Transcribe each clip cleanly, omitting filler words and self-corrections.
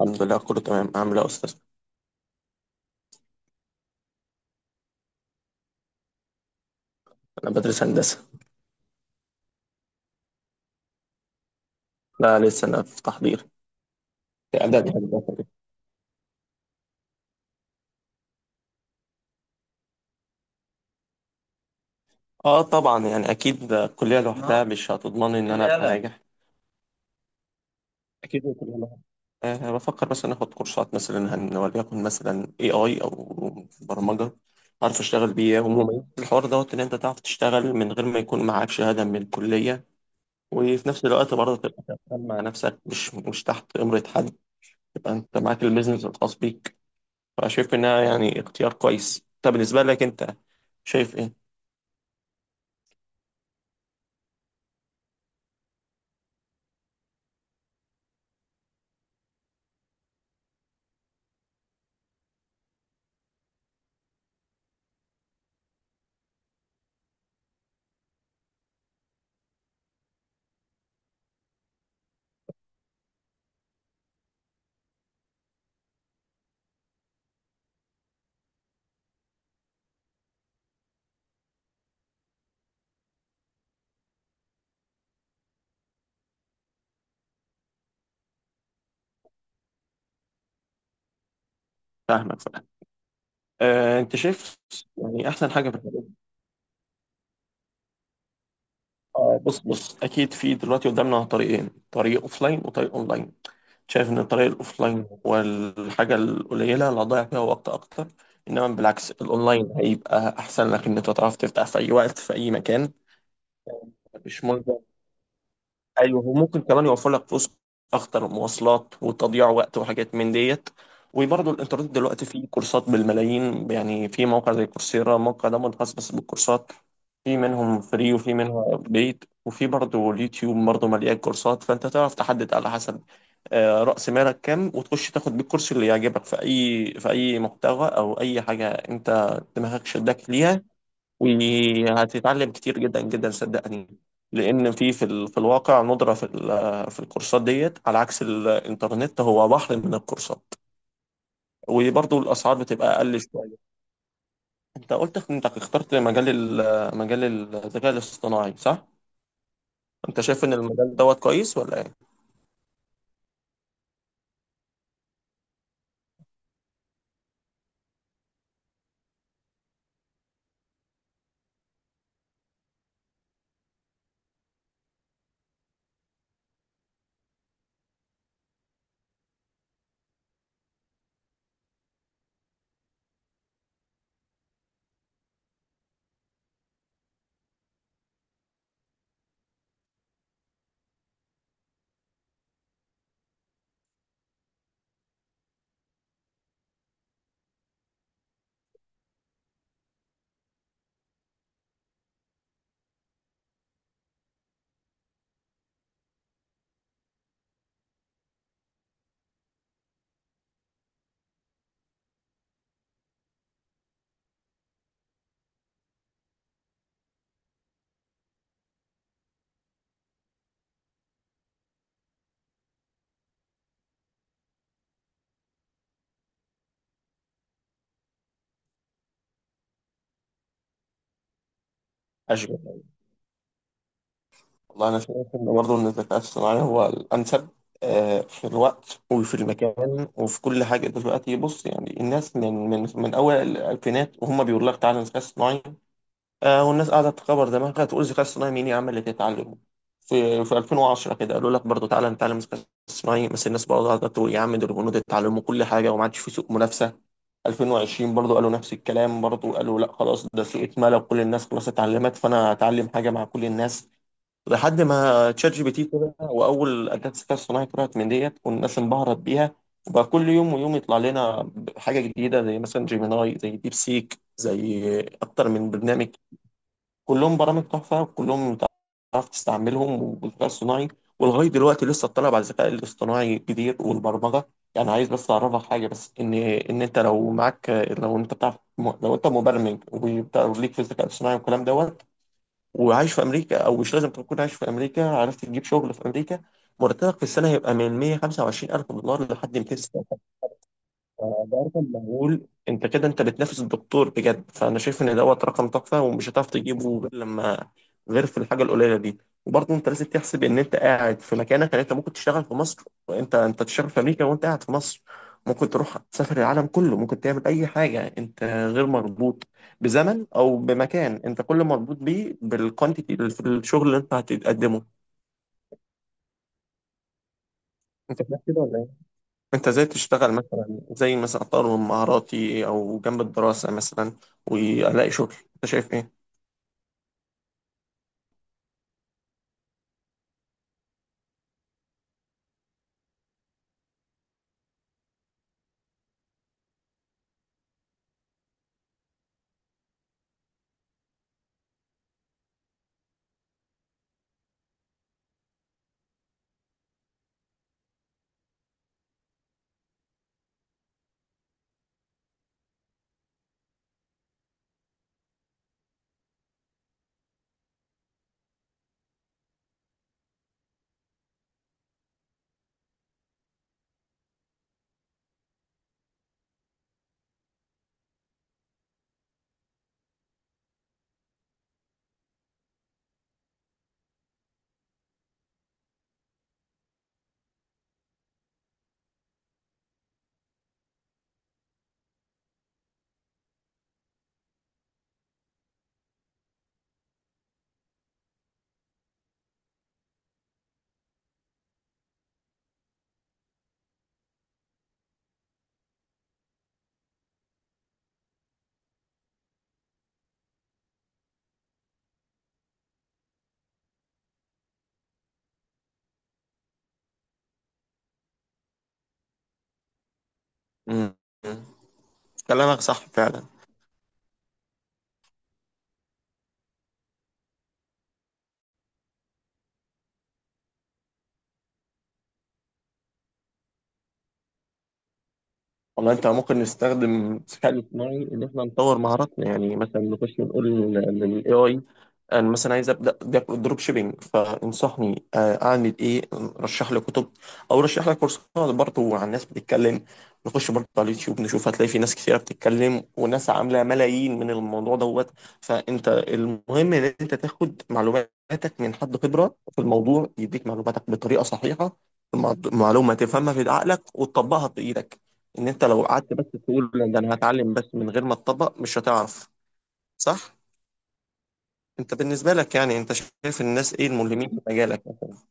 الحمد لله، كله تمام. عامل ايه يا استاذ؟ انا بدرس هندسه. لا، لسه انا في تحضير، في اعداد هندسه كده. اه طبعا يعني اكيد الكليه لوحدها مش هتضمن ان انا ابقى ناجح. اكيد الكليه لوحدها. أه بفكر مثلا اخد كورسات، مثلا وليكن مثلا اي اي او برمجه اعرف اشتغل بيها. عموما الحوار دوت ان انت تعرف تشتغل من غير ما يكون معاك شهاده من الكليه، وفي نفس الوقت برضه تبقى شغال مع نفسك، مش تحت امره حد، تبقى انت معاك البيزنس الخاص بيك. فشايف انها يعني اختيار كويس. طب بالنسبه لك انت، شايف ايه؟ فاهمك، فاهم. آه انت شايف يعني احسن حاجه في الحاجات دي؟ آه بص بص، اكيد في دلوقتي قدامنا طريقين، طريق اوفلاين وطريق اونلاين. شايف ان الطريق الاوفلاين هو الحاجه القليله اللي هتضيع فيها وقت اكتر، انما بالعكس الاونلاين هيبقى احسن لك ان انت تعرف تفتح في اي وقت في اي مكان. مش مهم. ايوه، وممكن كمان يوفر لك فلوس اكتر، مواصلات وتضييع وقت وحاجات من ديت. وبرضه الانترنت دلوقتي فيه كورسات بالملايين، يعني في موقع زي كورسيرا، الموقع ده منخصص بس بالكورسات. في منهم فري وفي منهم بيد، وفي برضه اليوتيوب برضه مليان كورسات. فانت تعرف تحدد على حسب رأس مالك كام، وتخش تاخد بالكورس اللي يعجبك في اي في اي محتوى او اي حاجة انت دماغك شدك ليها، وهتتعلم كتير جدا جدا صدقني. لان في الواقع ندرة في الكورسات ديت، على عكس الانترنت هو بحر من الكورسات. وبرضه الاسعار بتبقى اقل شويه. انت قلت انك اخترت مجال مجال الذكاء الاصطناعي، صح؟ انت شايف ان المجال دوت كويس ولا ايه؟ اشجع. والله انا شايف ان برضه ان الذكاء الاصطناعي هو الانسب في الوقت وفي المكان وفي كل حاجه دلوقتي. بص، يعني الناس من اول الالفينات وهم بيقول لك تعالى الذكاء الاصطناعي، آه، والناس قاعدة تكبر دماغها تقول الذكاء الصناعي مين يا عم اللي تتعلمه. في 2010 كده قالوا لك برضه تعالى نتعلم الذكاء الصناعي، بس الناس برضه قاعدة تقول يا عم دول البنود اتعلموا كل حاجة وما عادش في سوق منافسة. 2020 برضه قالوا نفس الكلام، برضه قالوا لا خلاص ده سوق اتملى وكل الناس خلاص اتعلمت، فأنا هتعلم حاجة مع كل الناس. لحد ما تشات جي بي تي طلع، وأول أداة الذكاء الصناعي طلعت من ديت والناس انبهرت بيها، وبقى كل يوم ويوم يطلع لنا حاجة جديدة، زي مثلا جيميناي، زي ديب سيك، زي أكتر من برنامج. كلهم برامج تحفه، وكلهم تعرف تستعملهم، والذكاء الصناعي ولغايه دلوقتي لسه الطلب على الذكاء الاصطناعي كتير، والبرمجه. يعني عايز بس اعرفك حاجه، بس ان انت لو معاك، لو انت بتعرف، لو انت مبرمج وليك في الذكاء الاصطناعي والكلام دوت، وعايش في امريكا، او مش لازم تكون عايش في امريكا، عرفت تجيب شغل في امريكا، مرتبك في السنه هيبقى من 125 الف دولار لحد 200. ده رقم مهول، انت كده انت بتنافس الدكتور بجد. فانا شايف ان دوت رقم تحفه ومش هتعرف تجيبه غير لما، غير في الحاجه القليله دي. وبرضه انت لازم تحسب ان انت قاعد في مكانك، يعني انت ممكن تشتغل في مصر، وانت انت تشتغل في امريكا وانت قاعد في مصر. ممكن تروح تسافر العالم كله، ممكن تعمل اي حاجه، انت غير مربوط بزمن او بمكان، انت كل مربوط بيه بالكوانتيتي، الشغل اللي انت هتقدمه. انت فاهم كده ولا؟ انت ازاي تشتغل مثلا، زي مثلا اطور من مهاراتي او جنب الدراسة مثلا والاقي شغل، انت شايف ايه؟ مم. كلامك صح فعلا. والله انت ممكن نستخدم الذكاء الاصطناعي ان احنا نطور مهاراتنا، يعني مثلا نخش نقول للاي اي انا مثلا عايز ابدا دروب شيبينج فانصحني اعمل ايه، رشح لي كتب او رشح لي كورسات، برضه عن ناس بتتكلم. نخش برضه على اليوتيوب نشوف، هتلاقي في ناس كثيره بتتكلم وناس عامله ملايين من الموضوع دوت. فانت المهم ان انت تاخد معلوماتك من حد خبره في الموضوع يديك معلوماتك بطريقه صحيحه، المعلومه تفهمها في عقلك وتطبقها في ايدك. ان انت لو قعدت بس تقول لا ده انا هتعلم بس من غير ما تطبق، مش هتعرف، صح؟ انت بالنسبه لك يعني، انت شايف الناس ايه الملهمين في مجالك مثلا؟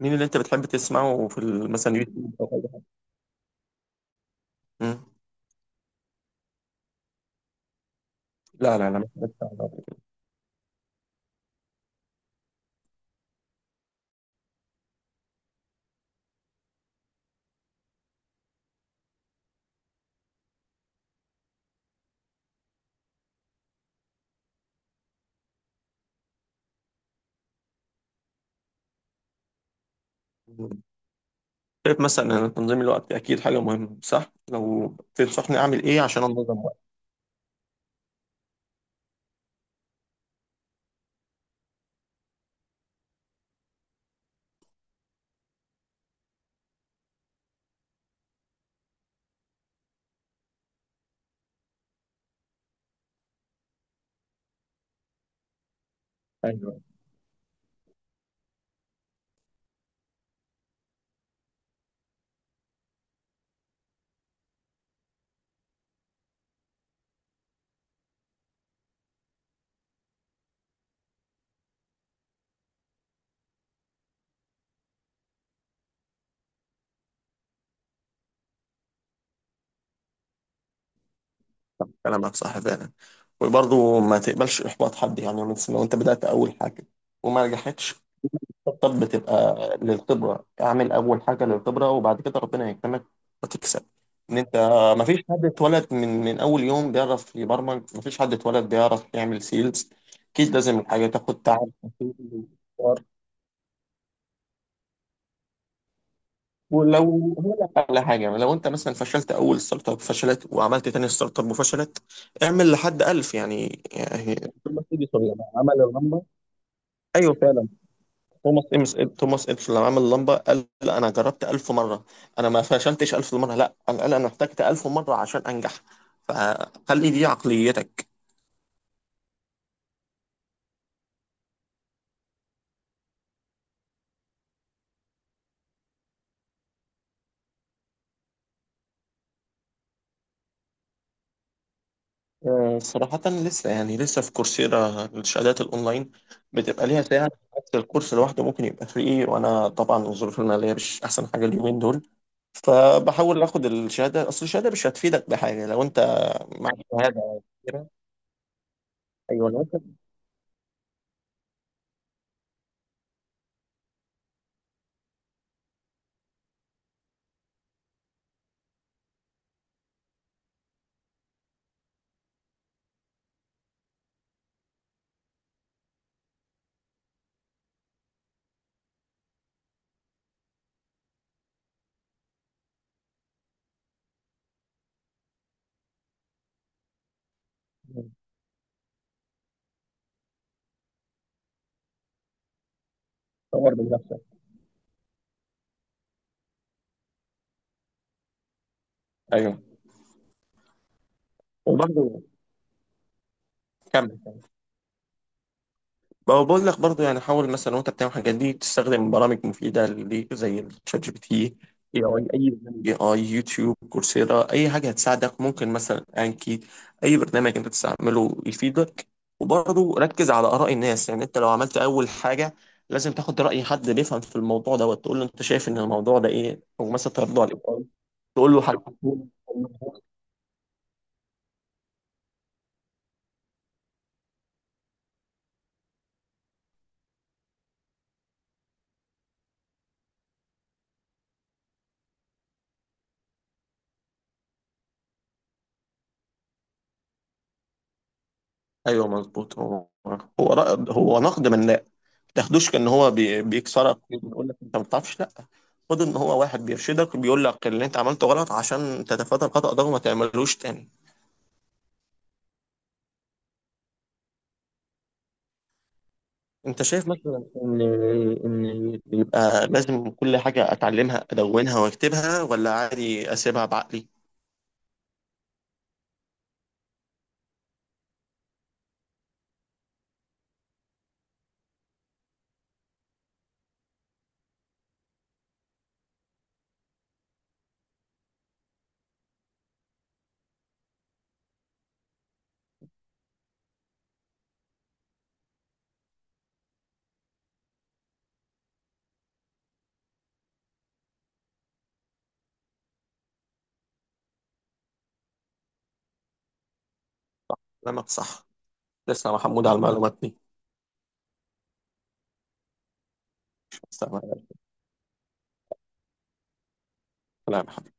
مين اللي انت بتحب تسمعه في مثلا يوتيوب او اي حاجه؟ مم. لا لا لا، مش بتاع ده. شايف مثلا ان تنظيم الوقت اكيد حاجه مهمه، صح؟ لو تنصحني اعمل ايه عشان انظم وقتي؟ ايوه، كلامك صح فعلا. وبرضه ما تقبلش احباط حد، يعني مثلا لو انت بدات اول حاجه وما نجحتش، الطب بتبقى للخبرة. اعمل أول حاجة للخبرة، وبعد كده ربنا يكرمك وتكسب. إن أنت، مفيش حد اتولد من أول يوم بيعرف يبرمج، مفيش حد اتولد بيعرف يعمل سيلز. أكيد لازم الحاجة تاخد تعب وتاخد وقت. ولو هقول لك على حاجة، لو أنت مثلا فشلت أول ستارت أب، فشلت وعملت تاني ستارت أب وفشلت، اعمل لحد ألف يعني، يعني كل ما تيجي سوري عمل الرمبة. أيوه فعلا. توماس إمس توماس إديسون لما عمل اللمبة قال لا، أنا جربت ألف مرة، أنا ما فشلتش ألف مرة، لا، أنا قال أنا احتجت ألف مرة عشان أنجح. فخلي دي عقليتك. صراحة لسه، يعني لسه في كورسيرا الشهادات الأونلاين بتبقى ليها ساعة، حتى الكورس لوحده ممكن يبقى فري. وأنا طبعا الظروف المالية مش أحسن حاجة اليومين دول، فبحاول آخد الشهادة. أصل الشهادة مش هتفيدك بحاجة لو أنت معك شهادة كبيرة. أيوه، لو أنت بتطور من نفسك. أيوه وبرضه، كمل. ما هو بقول لك برضه يعني حاول مثلا وانت بتعمل الحاجات دي تستخدم برامج مفيده ليك، زي الشات جي بي تي، اي اي اي برنامج اي اي، يوتيوب، كورسيرا، اي حاجه هتساعدك، ممكن مثلا انكي، اي برنامج انت تستعمله يفيدك. وبرضه ركز على اراء الناس، يعني انت لو عملت اول حاجه لازم تاخد راي حد بيفهم في الموضوع ده وتقول له انت شايف ان الموضوع ده ايه، او مثلا تعرضه على الاي، تقول له حل. ايوه مظبوط. هو هو نقد بناء، ما تاخدوش كان بيكسرك بيقول لك انت ما بتعرفش، لا. خد ان هو واحد بيرشدك بيقول لك اللي انت عملته غلط عشان تتفادى الخطأ ده وما تعملوش تاني. انت شايف مثلا ان، ان يبقى لازم كل حاجة اتعلمها ادونها واكتبها، ولا عادي اسيبها بعقلي؟ كلامك صح. تسلم يا محمود على المعلومات دي. مش مستعمل. كلامك